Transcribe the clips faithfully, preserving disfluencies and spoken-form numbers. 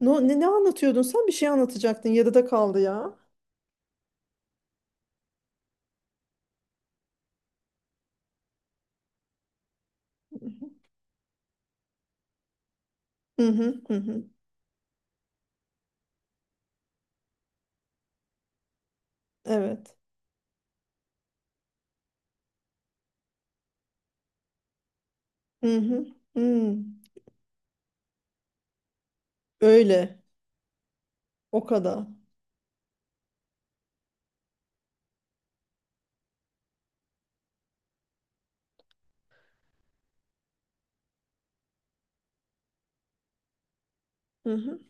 No, ne, ne anlatıyordun sen? Bir şey anlatacaktın. Yarıda kaldı ya. Hı hı hı. Hı. Evet. Hı hı. Hı. Öyle. O kadar. Hı hı.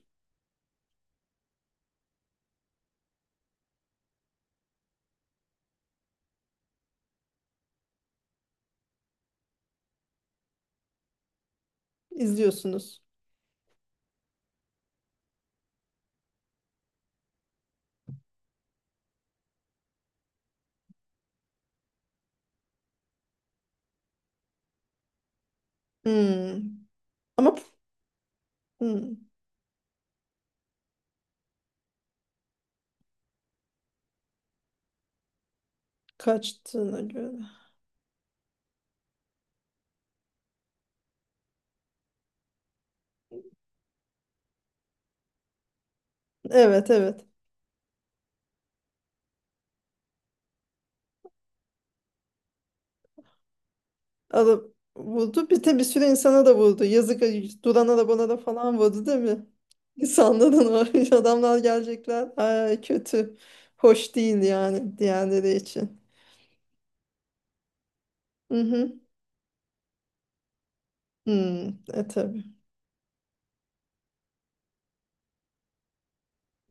İzliyorsunuz. Hı. Ama, hı, kaçtığına göre. Evet, evet. Alıp vurdu. Bir de bir sürü insana da vurdu. Yazık durana da bana da falan vurdu, değil mi? İnsanların o adamlar gelecekler. Ay, kötü. Hoş değil yani diğerleri için. Hı hı. Hı. E tabii.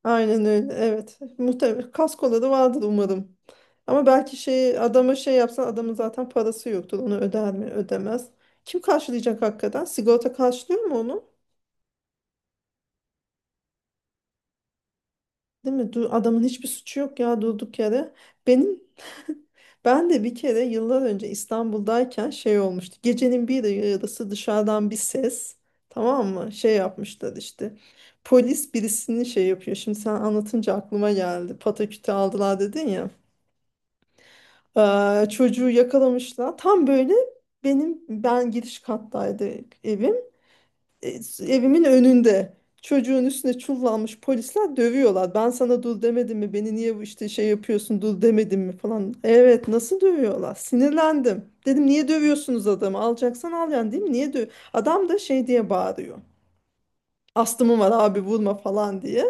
Aynen öyle. Evet. Muhtemelen kaskola da vardır umarım. Ama belki şey adama şey yapsan adamın zaten parası yoktur. Onu öder mi? Ödemez. Kim karşılayacak hakikaten? Sigorta karşılıyor mu onu? Değil mi? Du- adamın hiçbir suçu yok ya, durduk yere. Benim Ben de bir kere yıllar önce İstanbul'dayken şey olmuştu. Gecenin bir yarısı dışarıdan bir ses. Tamam mı? Şey yapmışlar işte. Polis birisini şey yapıyor. Şimdi sen anlatınca aklıma geldi. Pataküte aldılar dedin ya. Ee, çocuğu yakalamışlar. Tam böyle benim ben giriş kattaydı evim. E, s- evimin önünde. Çocuğun üstüne çullanmış polisler dövüyorlar. Ben sana dur demedim mi? Beni niye bu işte şey yapıyorsun, dur demedim mi falan. Evet, nasıl dövüyorlar? Sinirlendim. Dedim niye dövüyorsunuz adamı? Alacaksan al yani, değil mi? Niye döv? Adam da şey diye bağırıyor. Astımım var abi, vurma falan diye.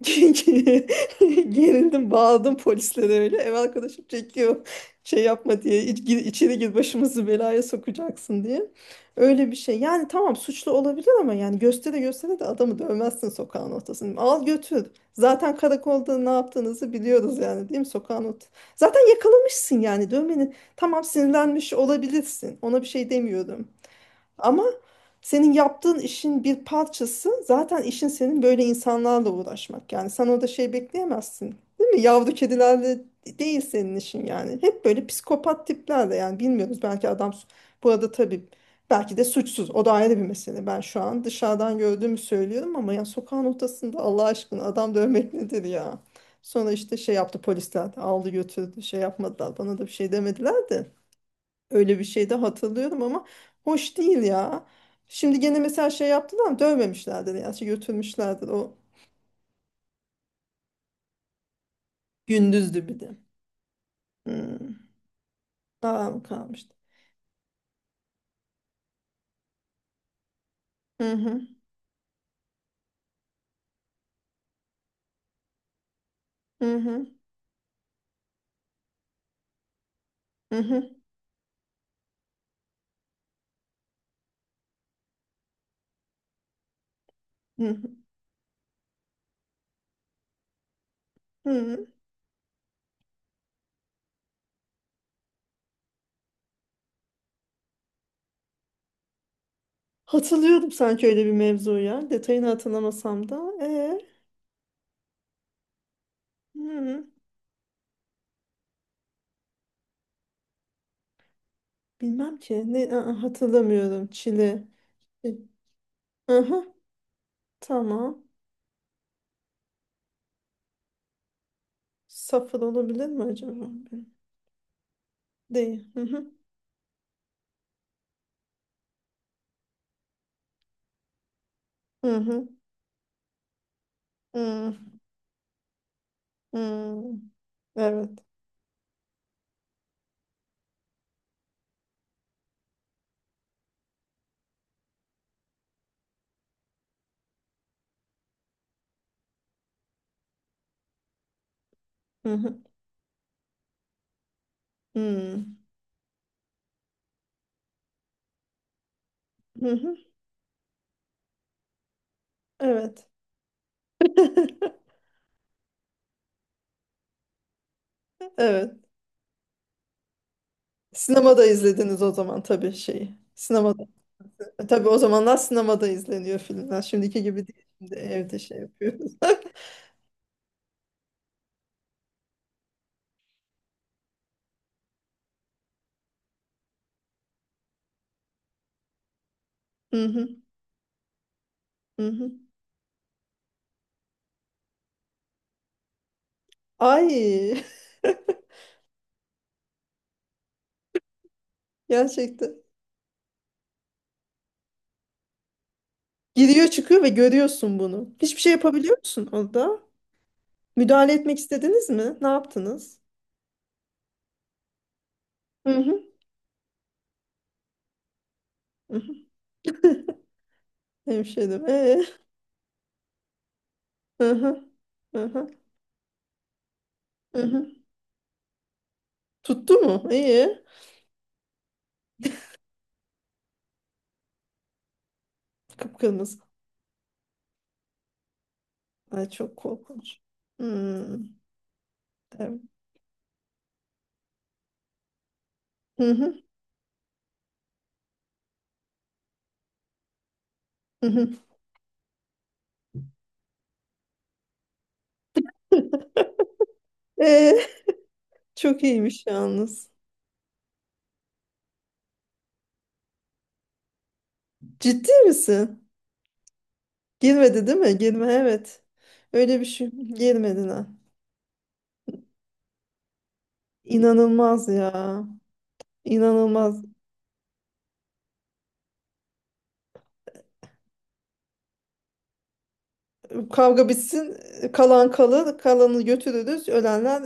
Gerildim, bağladım polislere öyle. Ev arkadaşım çekiyor. Şey yapma diye, "İç- gir, içeri gir, başımızı belaya sokacaksın" diye. Öyle bir şey. Yani tamam, suçlu olabilir ama yani göstere göstere de adamı dövmezsin sokağın ortasında. Al götür. Zaten karakolda ne yaptığınızı biliyoruz yani, değil mi, sokağın ortasında. Zaten yakalamışsın yani dövmenin. Tamam, sinirlenmiş olabilirsin. Ona bir şey demiyorum. Ama senin yaptığın işin bir parçası zaten, işin senin böyle insanlarla uğraşmak. Yani sen orada şey bekleyemezsin. Değil mi? Yavru kedilerle değil senin işin yani. Hep böyle psikopat tiplerle, yani bilmiyoruz. Belki adam su- bu arada tabii belki de suçsuz. O da ayrı bir mesele. Ben şu an dışarıdan gördüğümü söylüyorum ama ya sokağın ortasında Allah aşkına adam dövmek nedir ya? Sonra işte şey yaptı polisler, aldı götürdü, şey yapmadılar, bana da bir şey demediler de. Öyle bir şey de hatırlıyorum ama hoş değil ya. Şimdi gene mesela şey yaptılar ama dövmemişlerdir ya. Şey götürmüşlerdir o, gündüzdü bir de. Hmm. Aa, mı kalmıştı? Hı hı, hı hı, hı hı, hı hı, hı hı. Hatırlıyorum sanki öyle bir mevzu ya. Detayını hatırlamasam da. Ee, hı hı. Bilmem ki. Ne, aa, hatırlamıyorum. Çile. E, Hı hı, tamam. Safır olabilir mi acaba? Değil. Hı hı, hı hı, hı hı. Evet. Hı hı. Hmm. Hı hı. Evet. Evet. Sinemada izlediniz o zaman tabii şeyi. Sinemada. E, Tabii o zamanlar sinemada izleniyor filmler. Şimdiki gibi değil. Şimdi evde şey yapıyoruz. Hı hı. Hı hı. Ay, gerçekten. Giriyor çıkıyor ve görüyorsun bunu. Hiçbir şey yapabiliyor musun orada? Müdahale etmek istediniz mi? Ne yaptınız? Hı hı. Hı hı. Hemşerim. Ee? Hı hı. Hı hı. Hı hı. Tuttu mu? İyi. Kıpkırmızı. Ay, çok korkunç. Hmm, evet. Hı hı, hı hı. Ee, Çok iyiymiş yalnız. Ciddi misin? Girmedi, değil mi? Girme, evet. Öyle bir şey, girmedi ha. İnanılmaz ya. İnanılmaz. Kavga bitsin, kalan kalır, kalanı götürürüz. Ölenler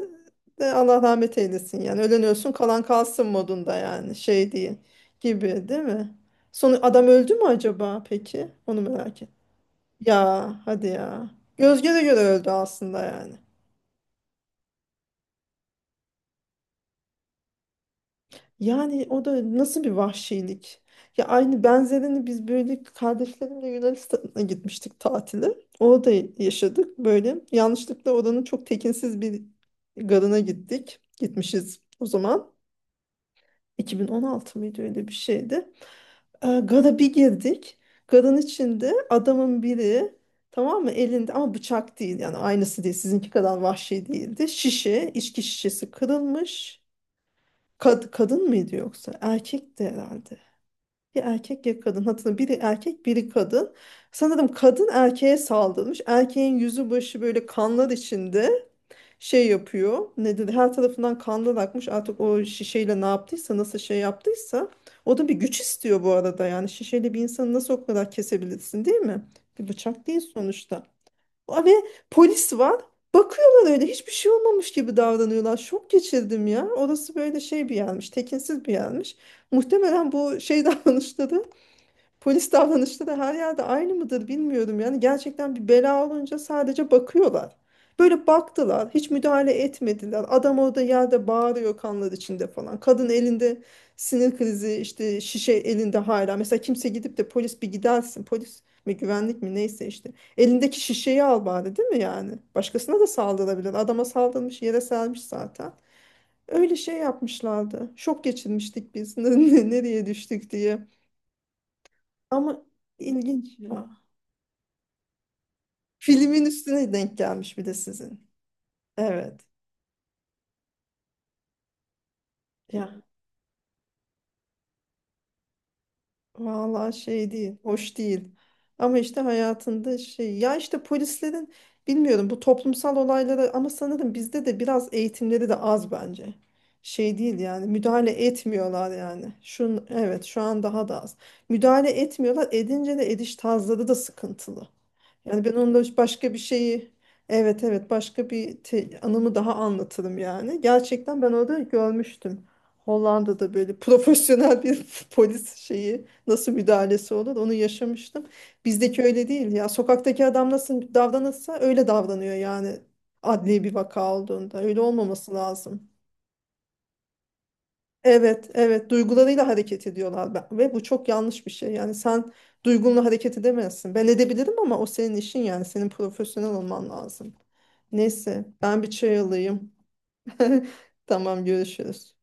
de Allah rahmet eylesin yani. Ölen ölsün, kalan kalsın modunda yani, şey diye gibi, değil mi? Sonra adam öldü mü acaba peki? Onu merak ettim. Ya hadi ya. Gözge de göre öldü aslında yani. Yani o da nasıl bir vahşilik. Ya aynı benzerini biz böyle kardeşlerimle Yunanistan'a gitmiştik tatile. Orada yaşadık böyle. Yanlışlıkla oranın çok tekinsiz bir garına gittik. Gitmişiz o zaman. iki bin on altı mıydı, öyle bir şeydi. E, Gara bir girdik. Garın içinde adamın biri, tamam mı, elinde ama bıçak değil yani, aynısı değil, sizinki kadar vahşi değildi. Şişe, içki şişesi kırılmış. Kad kadın mıydı yoksa? Erkekti herhalde. Ya erkek ya kadın, hatırlamıyorum. Biri erkek biri kadın. Sanırım kadın erkeğe saldırmış. Erkeğin yüzü başı böyle kanlar içinde şey yapıyor. Ne dedi? Her tarafından kanlar akmış. Artık o şişeyle ne yaptıysa, nasıl şey yaptıysa. O da bir güç istiyor bu arada. Yani şişeyle bir insanı nasıl o kadar kesebilirsin, değil mi? Bir bıçak değil sonuçta. Aa, ve polis var. Bakıyorlar öyle, hiçbir şey olmamış gibi davranıyorlar. Şok geçirdim ya. Orası böyle şey bir yermiş, tekinsiz bir yermiş. Muhtemelen bu şey davranışları, polis davranışları her yerde aynı mıdır bilmiyorum. Yani gerçekten bir bela olunca sadece bakıyorlar. Böyle baktılar, hiç müdahale etmediler. Adam orada yerde bağırıyor kanlar içinde falan. Kadın elinde sinir krizi, işte şişe elinde hala. Mesela kimse gidip de, polis bir gidersin. Polis mi güvenlik mi neyse işte. Elindeki şişeyi al bari, değil mi yani? Başkasına da saldırabilir. Adama saldırmış, yere sermiş zaten. Öyle şey yapmışlardı. Şok geçirmiştik biz. Nereye düştük diye. Ama ilginç ya. Filmin üstüne denk gelmiş bir de sizin. Evet. Ya, vallahi şey değil, hoş değil. Ama işte hayatında şey ya, işte polislerin bilmiyorum bu toplumsal olaylara, ama sanırım bizde de biraz eğitimleri de az bence. Şey değil yani, müdahale etmiyorlar yani. Şun evet, şu an daha da az. Müdahale etmiyorlar. Edince de ediş tarzları da sıkıntılı. Yani ben onda başka bir şeyi, evet evet, başka bir te- anımı daha anlatırım yani. Gerçekten ben orada görmüştüm. Hollanda'da böyle profesyonel bir polis şeyi nasıl müdahalesi olur onu yaşamıştım. Bizdeki öyle değil ya. Sokaktaki adam nasıl davranırsa öyle davranıyor yani, adli bir vaka olduğunda. Öyle olmaması lazım. Evet, evet duygularıyla hareket ediyorlar, Ben- ve bu çok yanlış bir şey. Yani sen duygunla hareket edemezsin. Ben edebilirim ama o senin işin yani, senin profesyonel olman lazım. Neyse, ben bir çay alayım. Tamam, görüşürüz.